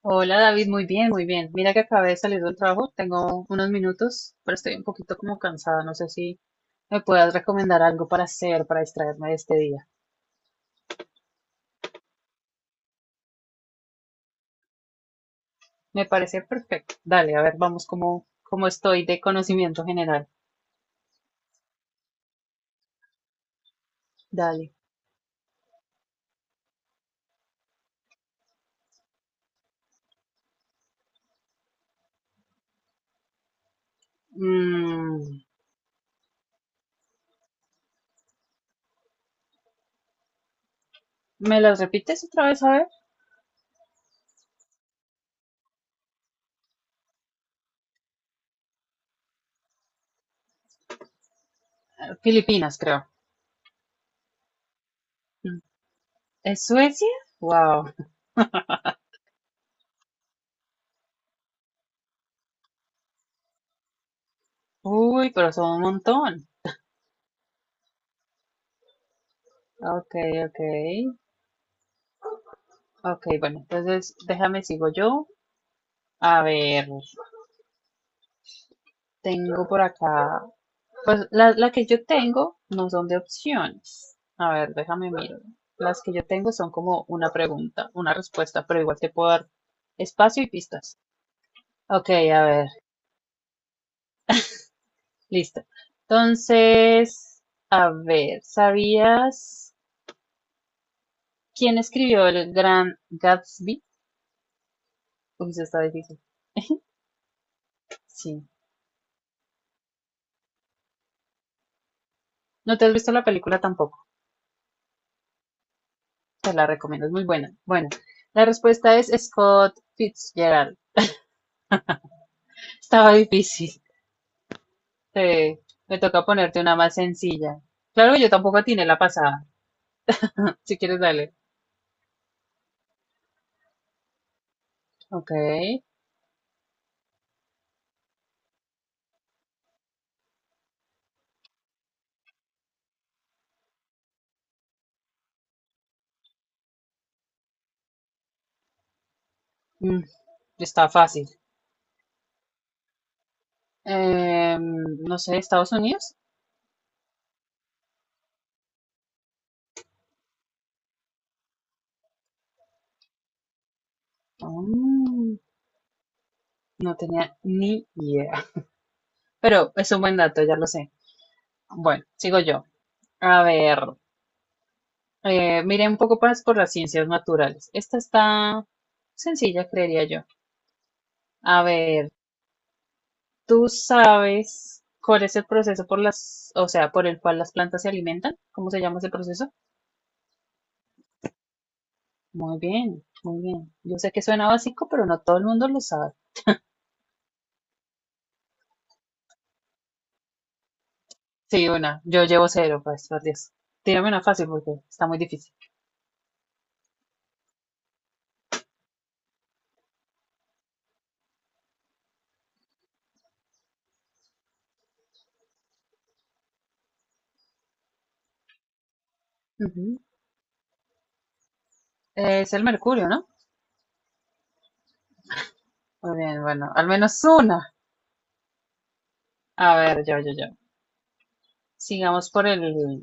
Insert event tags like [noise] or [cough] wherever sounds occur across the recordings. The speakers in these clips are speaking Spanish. Hola David, muy bien, muy bien. Mira que acabé de salir del trabajo, tengo unos minutos, pero estoy un poquito como cansada. No sé si me puedas recomendar algo para hacer, para distraerme de este día. Me parece perfecto. Dale, a ver, vamos como, como estoy de conocimiento general. Dale. Mm, ¿Me las repites otra vez? A ver. Filipinas, creo. Mm. ¿Es Suecia? Wow. Uy, pero son un montón. Ok, ok. Ok, bueno, entonces déjame sigo yo. A ver. Tengo por acá, pues la que yo tengo no son de opciones. A ver, déjame mirar. Las que yo tengo son como una pregunta, una respuesta, pero igual te puedo dar espacio y pistas. Ok, a ver, listo. Entonces, a ver, ¿sabías quién escribió el gran Gatsby? Uy, eso está difícil. Sí. No te has visto la película tampoco. Te la recomiendo, es muy buena. Bueno, la respuesta es Scott Fitzgerald. Estaba difícil. Sí, me toca ponerte una más sencilla. Claro que yo tampoco tiene la pasada. [laughs] Si quieres, dale. Ok. Mm, está fácil. Em, no sé, Estados Unidos. Mm, no tenía ni idea. Pero es un buen dato, ya lo sé. Bueno, sigo yo. A ver, miré un poco más por las ciencias naturales. Esta está sencilla, creería yo. A ver, ¿tú sabes cuál es el proceso por las, o sea, por el cual las plantas se alimentan? ¿Cómo se llama ese proceso? Muy bien, muy bien. Yo sé que suena básico, pero no todo el mundo lo sabe. Sí, una. Yo llevo cero, pues, por Dios. Tírame una fácil porque está muy difícil. Ujú. Es el mercurio, ¿no? Muy bien, bueno, al menos una. A ver, yo. Sigamos por el,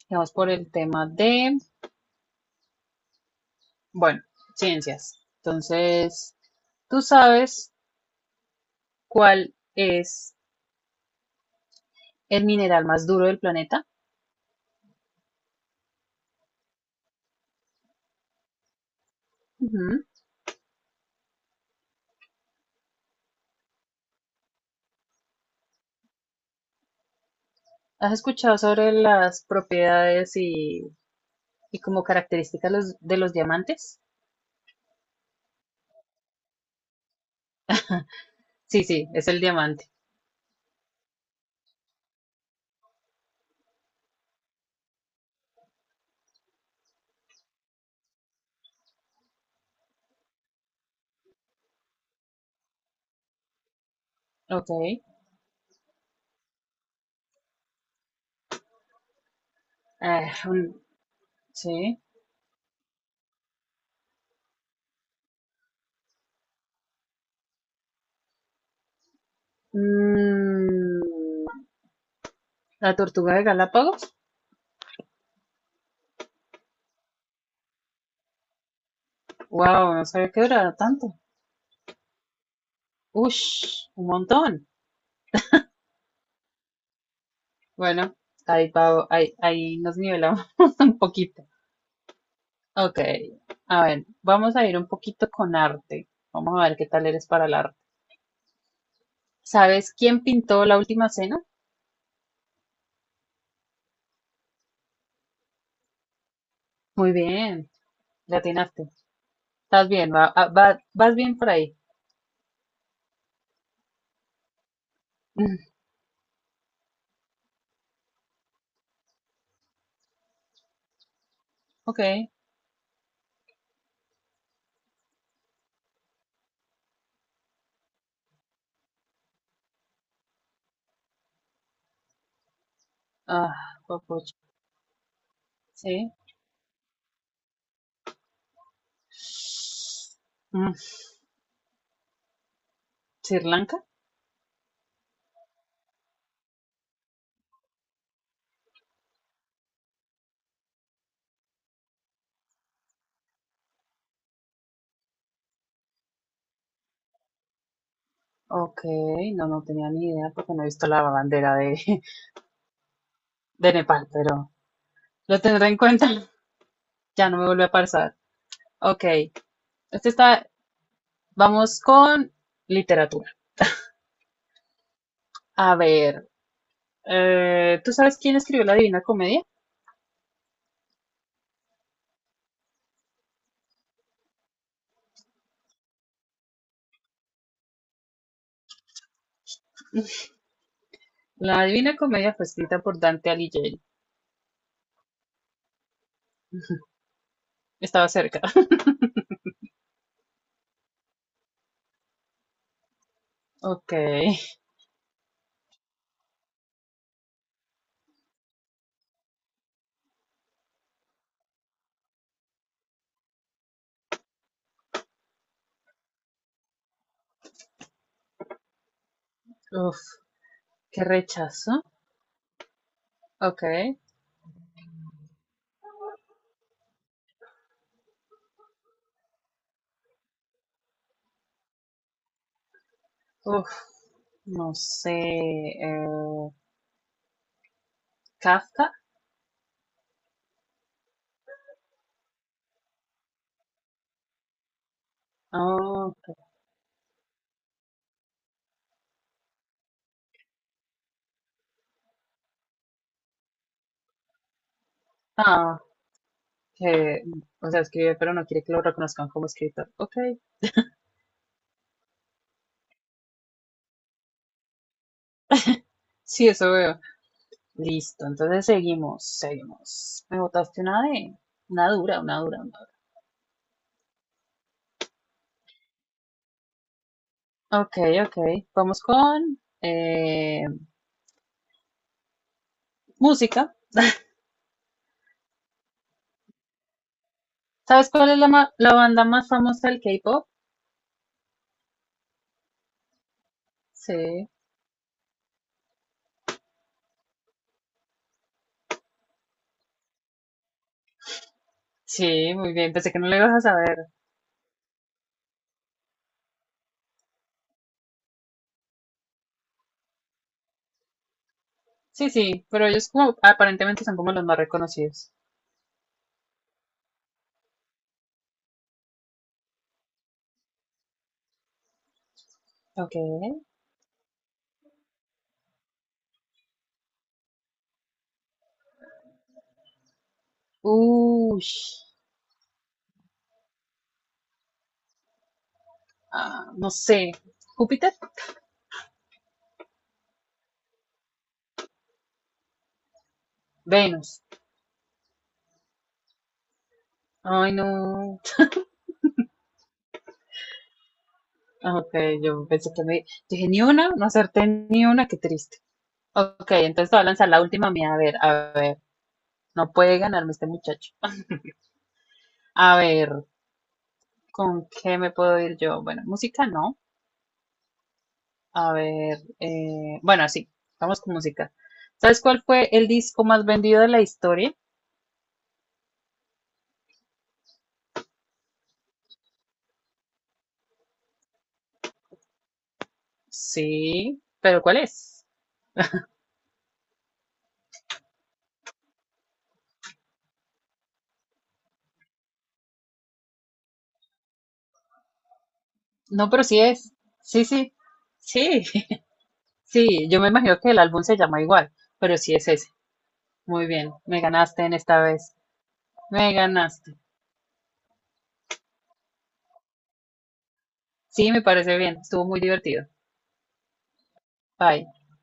sigamos por el tema de, bueno, ciencias. Entonces, ¿tú sabes cuál es el mineral más duro del planeta? Ujú. ¿Has escuchado sobre las propiedades y como característica los, de los diamantes? Sí, sí, es el diamante. Ok. Ah, un- sí. Mm, la tortuga de Galápagos. Wow, no sabía que duraba tanto. Ush, un montón. Bueno, ahí, ahí nos nivelamos [laughs] un poquito. Ok, a ver, vamos a ir un poquito con arte. Vamos a ver qué tal eres para el arte. ¿Sabes quién pintó la última cena? Muy bien, le atinaste. Estás bien, vas bien por ahí. [laughs] Ok. Ah, papucho. Sí. Mm, ¿Sri Lanka? Ok, no, no tenía ni idea porque no he visto la bandera de, [laughs] de Nepal, pero lo tendré en cuenta. Ya no me vuelve a pasar. Ok, este está, vamos con literatura. A ver, ¿tú sabes quién escribió la Divina Comedia? La Divina Comedia fue escrita por Dante Alighieri. Estaba cerca. [laughs] Ok, uf, qué rechazo. Ok, uf, no sé. eh, Kafka, oh, ah, que, o sea, escribe, pero no quiere que lo reconozcan como escritor. Ok, sí, eso veo. Listo, entonces seguimos, seguimos. Me botaste una de, una dura, una dura. Ok, ok, vamos con música. ¿Sabes cuál es la banda más famosa del K-pop? Sí, sí, muy bien, pensé que no lo ibas a saber. Sí, sí, pero ellos como, aparentemente son como los más reconocidos. Ok. Uy, ah, no sé. ¿Júpiter? Venus. Ay, no. Ah, Ok, yo pensé que me... Dije, ni una, no acerté ni una, qué triste. Ok, entonces te voy a lanzar la última mía. A ver, a ver. No puede ganarme este muchacho. A ver, ¿con qué me puedo ir yo? Bueno, música no. A ver, bueno, sí, vamos con música. ¿Sabes cuál fue el disco más vendido de la historia? Sí, pero ¿cuál es? No, pero sí es. Sí, sí, sí, [laughs] sí. Yo me imagino que el álbum se llama igual, pero sí es ese. Muy bien, me ganaste en esta vez. Me ganaste. Sí, me parece bien. Estuvo muy divertido. Bye.